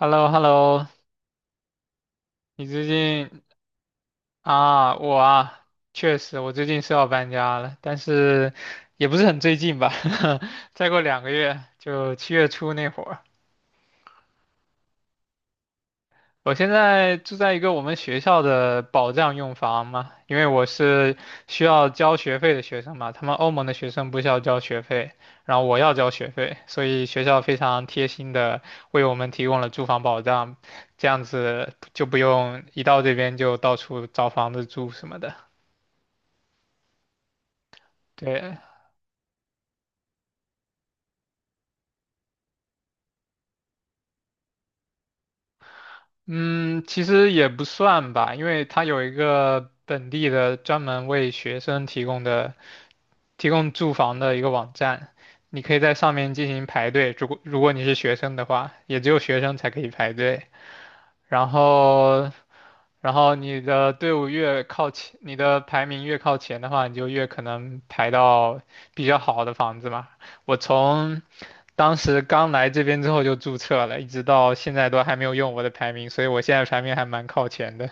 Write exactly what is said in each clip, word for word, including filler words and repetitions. h e l l o h e l l o 你最近啊，我啊，确实，我最近是要搬家了，但是也不是很最近吧，再过两个月就七月初那会儿。我现在住在一个我们学校的保障用房嘛，因为我是需要交学费的学生嘛，他们欧盟的学生不需要交学费，然后我要交学费，所以学校非常贴心的为我们提供了住房保障，这样子就不用一到这边就到处找房子住什么的。对，嗯，其实也不算吧，因为它有一个本地的专门为学生提供的提供住房的一个网站，你可以在上面进行排队。如果如果你是学生的话，也只有学生才可以排队。然后然后你的队伍越靠前，你的排名越靠前的话，你就越可能排到比较好的房子嘛。我从当时刚来这边之后就注册了，一直到现在都还没有用我的排名，所以我现在排名还蛮靠前的。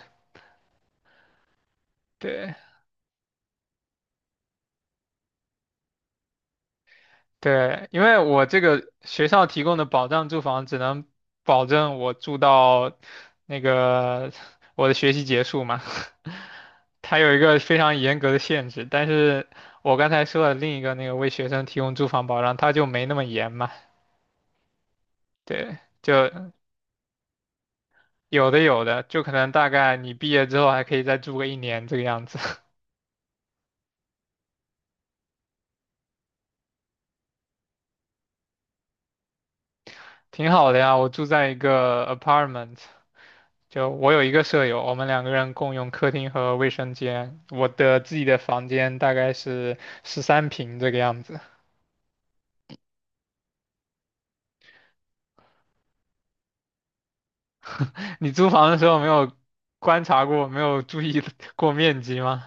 对，对，因为我这个学校提供的保障住房只能保证我住到那个我的学习结束嘛，它有一个非常严格的限制。但是我刚才说的另一个那个为学生提供住房保障，它就没那么严嘛。对，就有的有的，就可能大概你毕业之后还可以再住个一年这个样子，挺好的呀。我住在一个 apartment。就我有一个舍友，我们两个人共用客厅和卫生间。我的自己的房间大概是十三平这个样子。你租房的时候没有观察过，没有注意 过面积吗？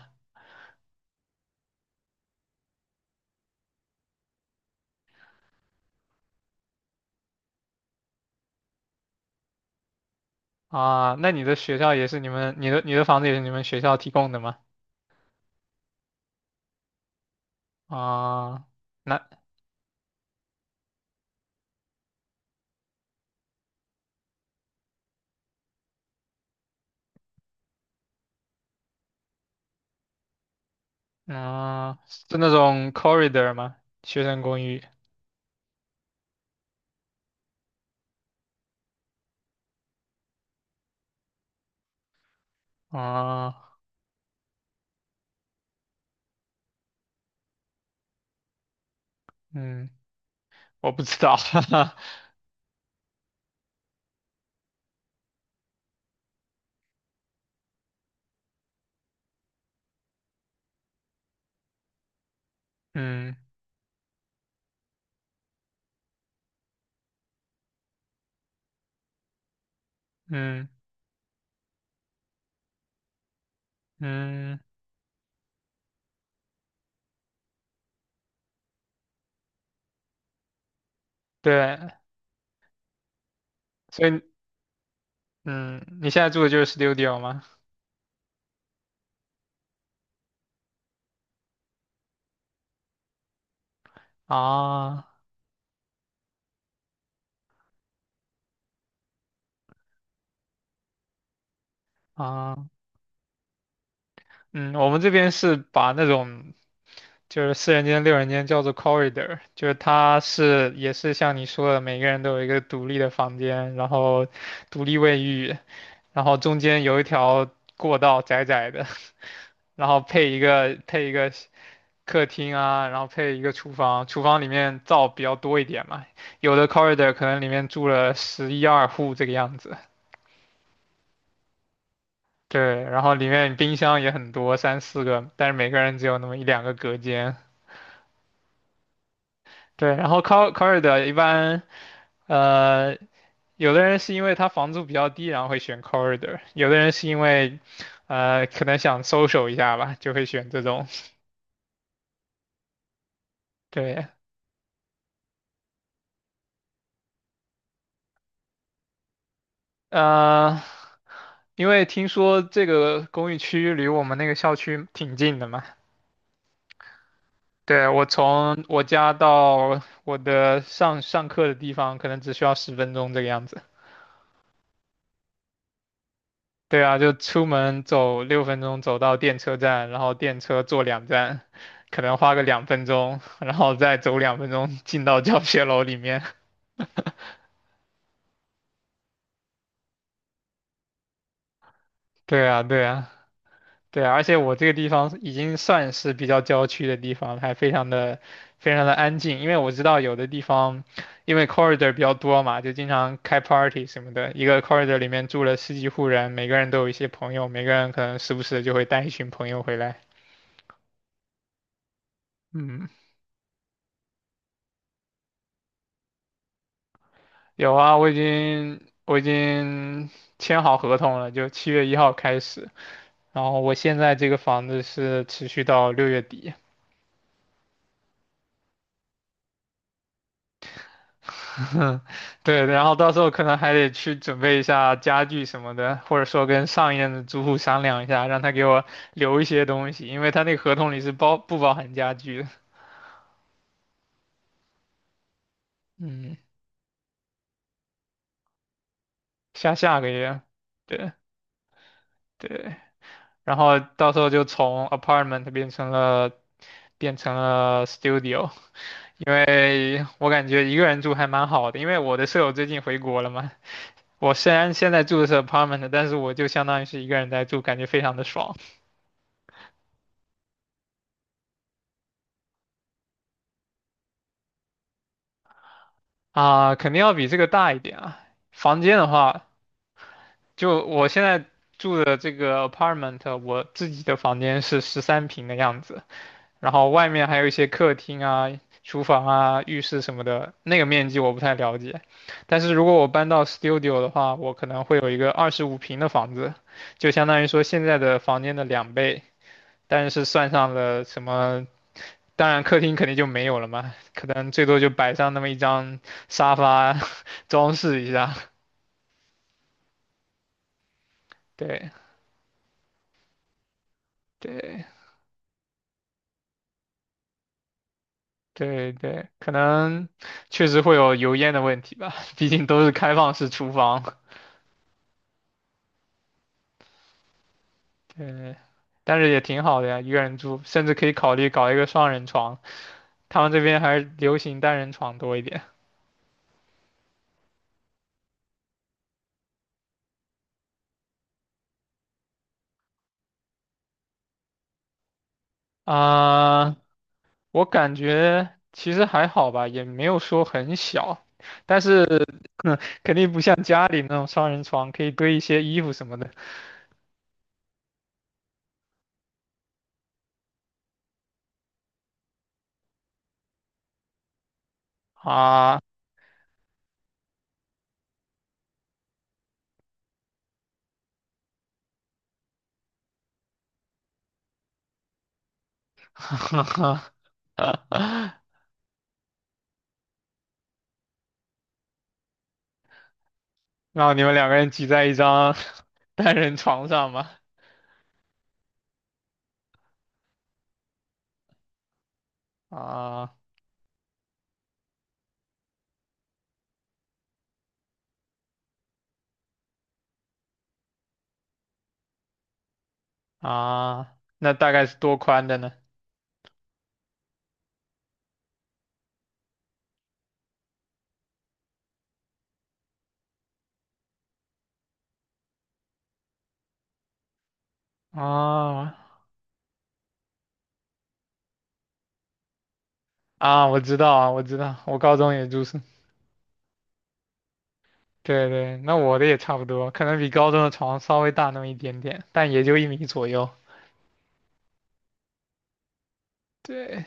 啊，那你的学校也是你们，你的你的房子也是你们学校提供的吗？啊，那嗯，是那种 corridor 吗？学生公寓？啊，嗯，我不知道。嗯嗯嗯，对。所以嗯，你现在住的就是 studio 吗？啊啊，嗯，我们这边是把那种就是四人间、六人间叫做 corridor，就是它是也是像你说的，每个人都有一个独立的房间，然后独立卫浴，然后中间有一条过道窄窄的，然后配一个配一个客厅啊，然后配一个厨房，厨房里面灶比较多一点嘛，有的 corridor 可能里面住了十一二户这个样子。对，然后里面冰箱也很多，三四个，但是每个人只有那么一两个隔间。对，然后 cor r i d o r 一般，呃，有的人是因为他房租比较低，然后会选 corridor，有的人是因为，呃，可能想 s o 一下吧，就会选这种。对，呃，因为听说这个公寓区离我们那个校区挺近的嘛。对，我从我家到我的上上课的地方，可能只需要十分钟这个样子。对啊，就出门走六分钟走到电车站，然后电车坐两站，可能花个两分钟，然后再走两分钟进到教学楼里面。对啊，对啊，对啊，而且我这个地方已经算是比较郊区的地方了，还非常的非常的安静，因为我知道有的地方因为 corridor 比较多嘛，就经常开 party 什么的，一个 corridor 里面住了十几户人，每个人都有一些朋友，每个人可能时不时地就会带一群朋友回来。嗯。有啊，我已经我已经签好合同了，就七月一号开始。然后我现在这个房子是持续到六月底，对，然后到时候可能还得去准备一下家具什么的，或者说跟上一任的租户商量一下，让他给我留一些东西，因为他那个合同里是包不包含家具的。嗯，下下个月，对对，然后到时候就从 apartment 变成了变成了 studio。因为我感觉一个人住还蛮好的，因为我的舍友最近回国了嘛。我虽然现在住的是 apartment，但是我就相当于是一个人在住，感觉非常的爽。啊，肯定要比这个大一点啊。房间的话，就我现在住的这个 apartment，我自己的房间是十三平的样子，然后外面还有一些客厅啊、厨房啊、浴室什么的，那个面积我不太了解。但是如果我搬到 studio 的话，我可能会有一个二十五平的房子，就相当于说现在的房间的两倍，但是算上了什么，当然客厅肯定就没有了嘛，可能最多就摆上那么一张沙发 装饰一下。对对对对，可能确实会有油烟的问题吧，毕竟都是开放式厨房。对。但是也挺好的呀，一个人住，甚至可以考虑搞一个双人床。他们这边还是流行单人床多一点啊。我感觉其实还好吧，也没有说很小，但是 嗯肯定不像家里那种双人床，可以堆一些衣服什么的啊。然后你们两个人挤在一张 单人床上嘛？啊啊，那大概是多宽的呢？啊，啊，我知道啊，我知道，我高中也住宿。对对，那我的也差不多，可能比高中的床稍微大那么一点点，但也就一米左右。对，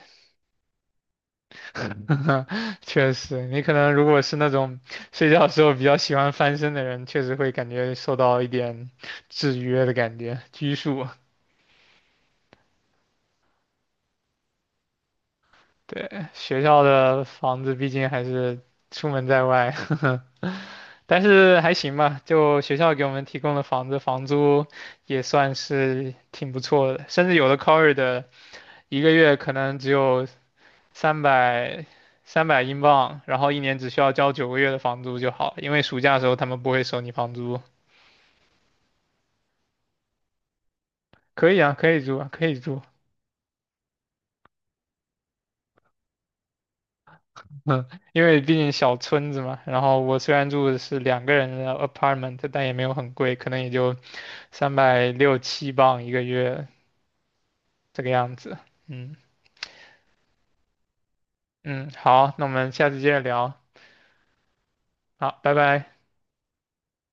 确实，你可能如果是那种睡觉的时候比较喜欢翻身的人，确实会感觉受到一点制约的感觉，拘束。对，学校的房子毕竟还是出门在外。但是还行吧，就学校给我们提供的房子，房租也算是挺不错的，甚至有的 college 的一个月可能只有三百三百英镑，然后一年只需要交九个月的房租就好，因为暑假的时候他们不会收你房租。可以啊，可以住啊，可以住，嗯，因为毕竟小村子嘛。然后我虽然住的是两个人的 apartment，但也没有很贵，可能也就三百六七镑一个月这个样子，嗯。嗯，好，那我们下次接着聊。好，拜拜。